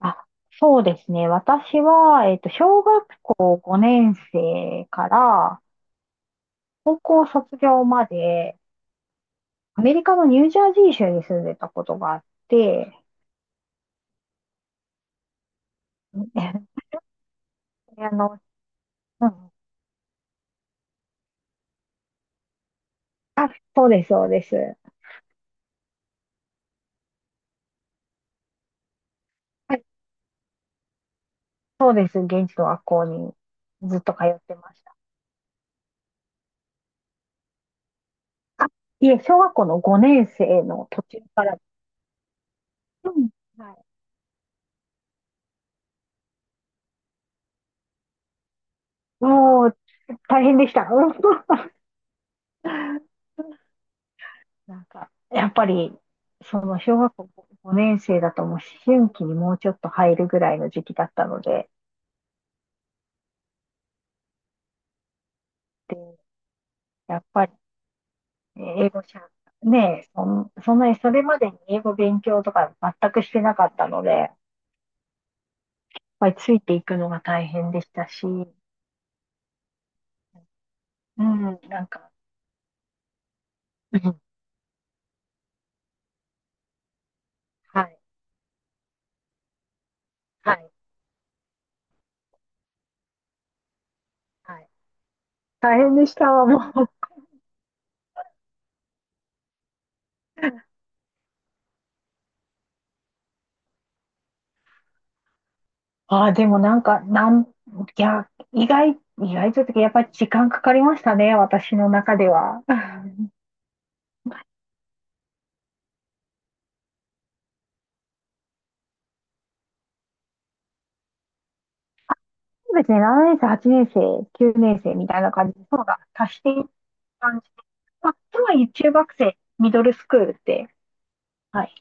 あ、そうですね。私は、小学校5年生から高校卒業まで、アメリカのニュージャージー州に住んでたことがあって、あの、うん、あ、そうです、そうです。はい、そうです。現地の学校にずっと通ってました。あ、いえ、小学校の5年生の途中から。うん、はい、もう、大変でした。うん なんか、やっぱり、その小学校5年生だともう思春期にもうちょっと入るぐらいの時期だったので、で、やっぱりね、英語しゃ、ねえ、そん、そんなにそれまでに英語勉強とか全くしてなかったので、やっぱりついていくのが大変でしたし、うん、なんか、うんはい、はい、はい。大変でしたわ、もう。ああ、でもなんか、なん、いや、意外、意外というかやっぱり時間かかりましたね、私の中では。ですね、7年生、8年生、9年生みたいな感じで、層が足していく感じで、まあ、つまり中学生、ミドルスクールって、はい、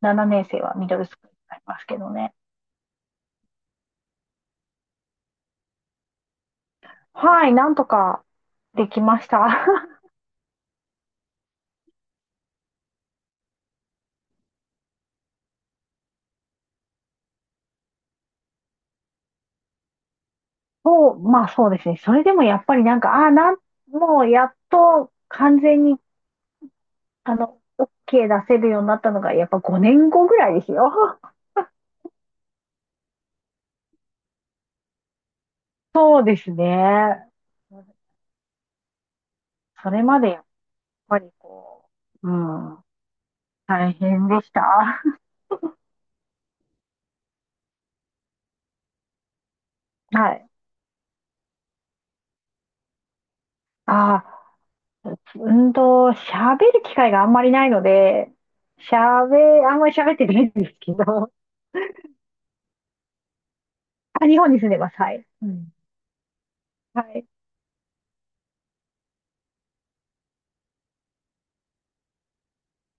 7年生はミドルスクールになりますけどね。はい、なんとかできました。そう、まあそうですね。それでもやっぱりなんか、ああ、なん、もうやっと完全に、OK 出せるようになったのが、やっぱ5年後ぐらいですよ。そうですね。それまでやっぱりこう、うん。大変でした。はい。ああ、喋る機会があんまりないので、喋、あんまり喋ってないんですけど、あ、日本に住んでます。はい。うん。はい。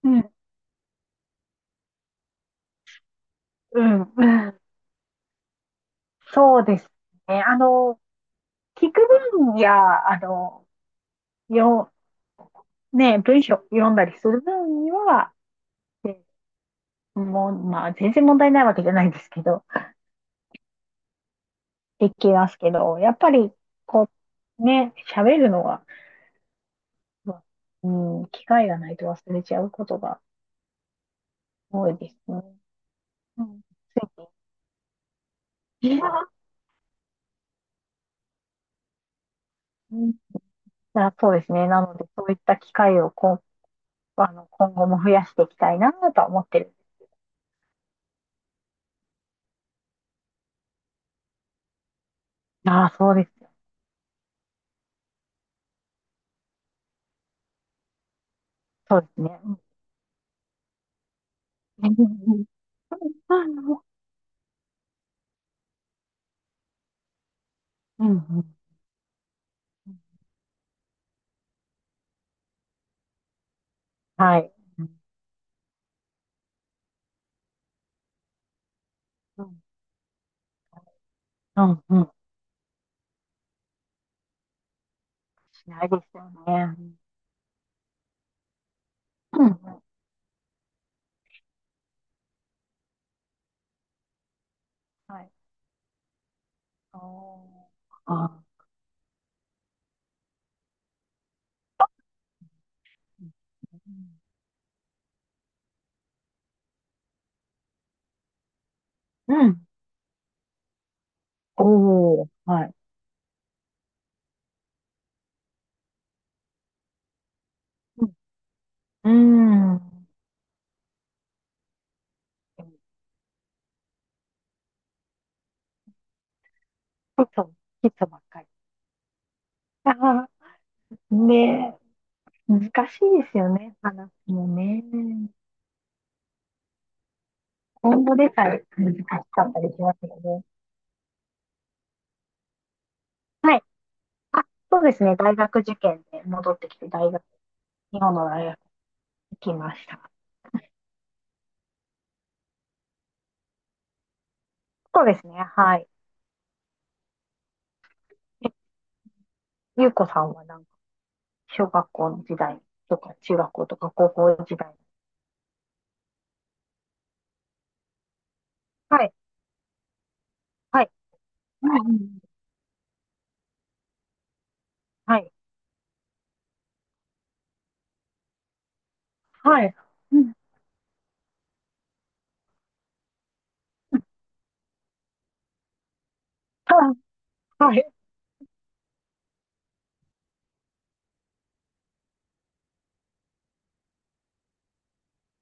うん、うん、うん。そうですね。聞く分や、よ、ね、文章読んだりする分には、えもう、まあ、全然問題ないわけじゃないんですけど、できますけど、やっぱり、こ喋るのは、まあ、うん、機会がないと忘れちゃうことが多いですね。うん。ついに うんあ、そうですね。なので、そういった機会をこ、あの、今後も増やしていきたいなとは思ってる。ああ、そうです。そうですね。うんうん。うんはい。うん。うん、うん。しないですよね。うん、うんはい。おー、あー、うん。おー、はい。うん。うんそうそう、ヒッばっかり。ああ、ねえ、難しいですよね、話もね。今後でさえ難しかったりしますよね。はい。あ、そうですね、大学受験で戻ってきて、大学、日本の大学行きました。そうですね、はい。え、ゆうこさんはなんか、小学校の時代とか、中学校とか、高校時代。はい、はい。うんうん、はい、はい。うん、はい、はい。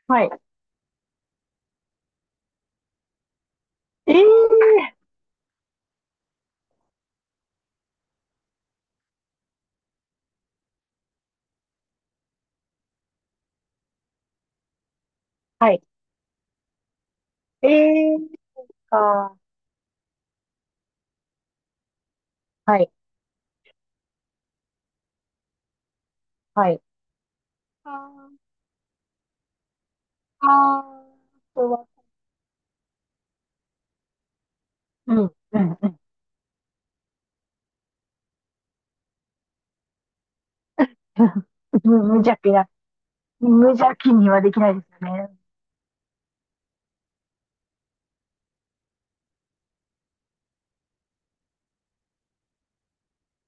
はいええはい。ええか。はい、はい。あーあー、あは、うん、うん、うん。無邪気な、無邪気にはできないですよね。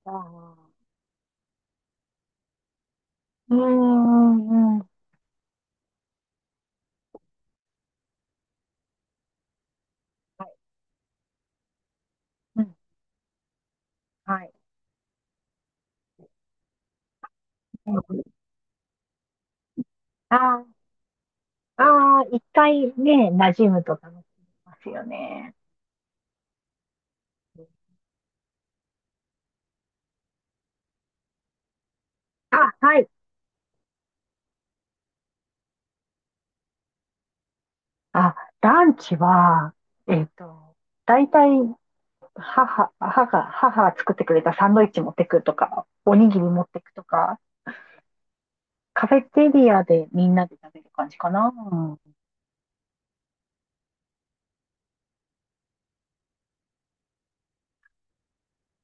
あーうーん、うん、はい。うん、はい。ああああ一回ね、馴染むと楽しみますよね。あ、はい。あ、ランチは、えっと、大体、母が作ってくれたサンドイッチ持ってくとか、おにぎり持ってくとか、カフェテリアでみんなで食べる感じかな。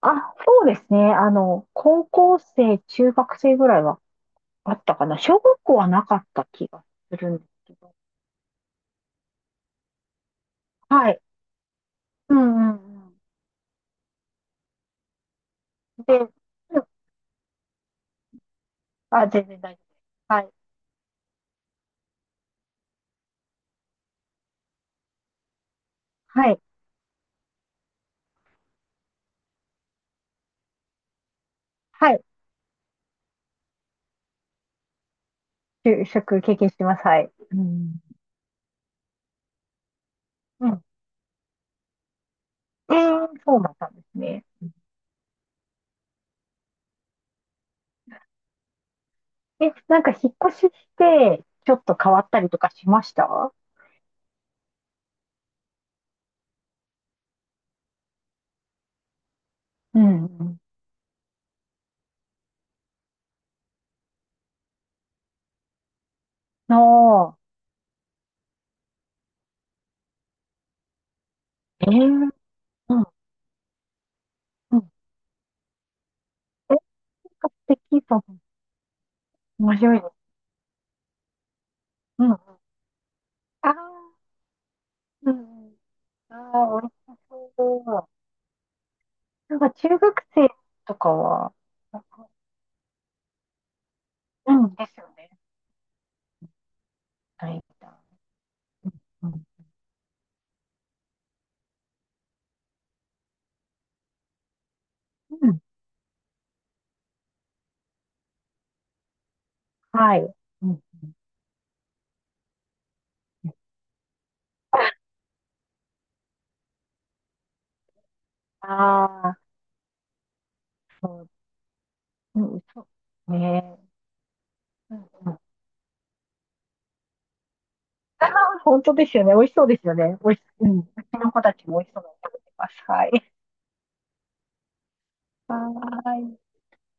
あ、そうですね。あの、高校生、中学生ぐらいはあったかな。小学校はなかった気がするんですけど。はい。うんうんうん。で、うんあ、全然大丈夫です。はい。はい。はい。就職経験してます。はい。うん。うん。で、そうだったんですね。え、なんか引っ越しして、ちょっと変わったりとかしましたうんうん。ああ、えー、うんうん。え、なんか素敵と思う面白いです。うんうん。ああうんうん。ああ、美味しそう。なんか中学生とかは、なんかうんですよね。はい。うん。うん。はい。うん。うんああ、そう。うん、そう。ねうん。うん。ああ、本当ですよね。美味しそうですよね。美味し、うん。うちの子たちも美味しそうなの食べてます。はい。はーい。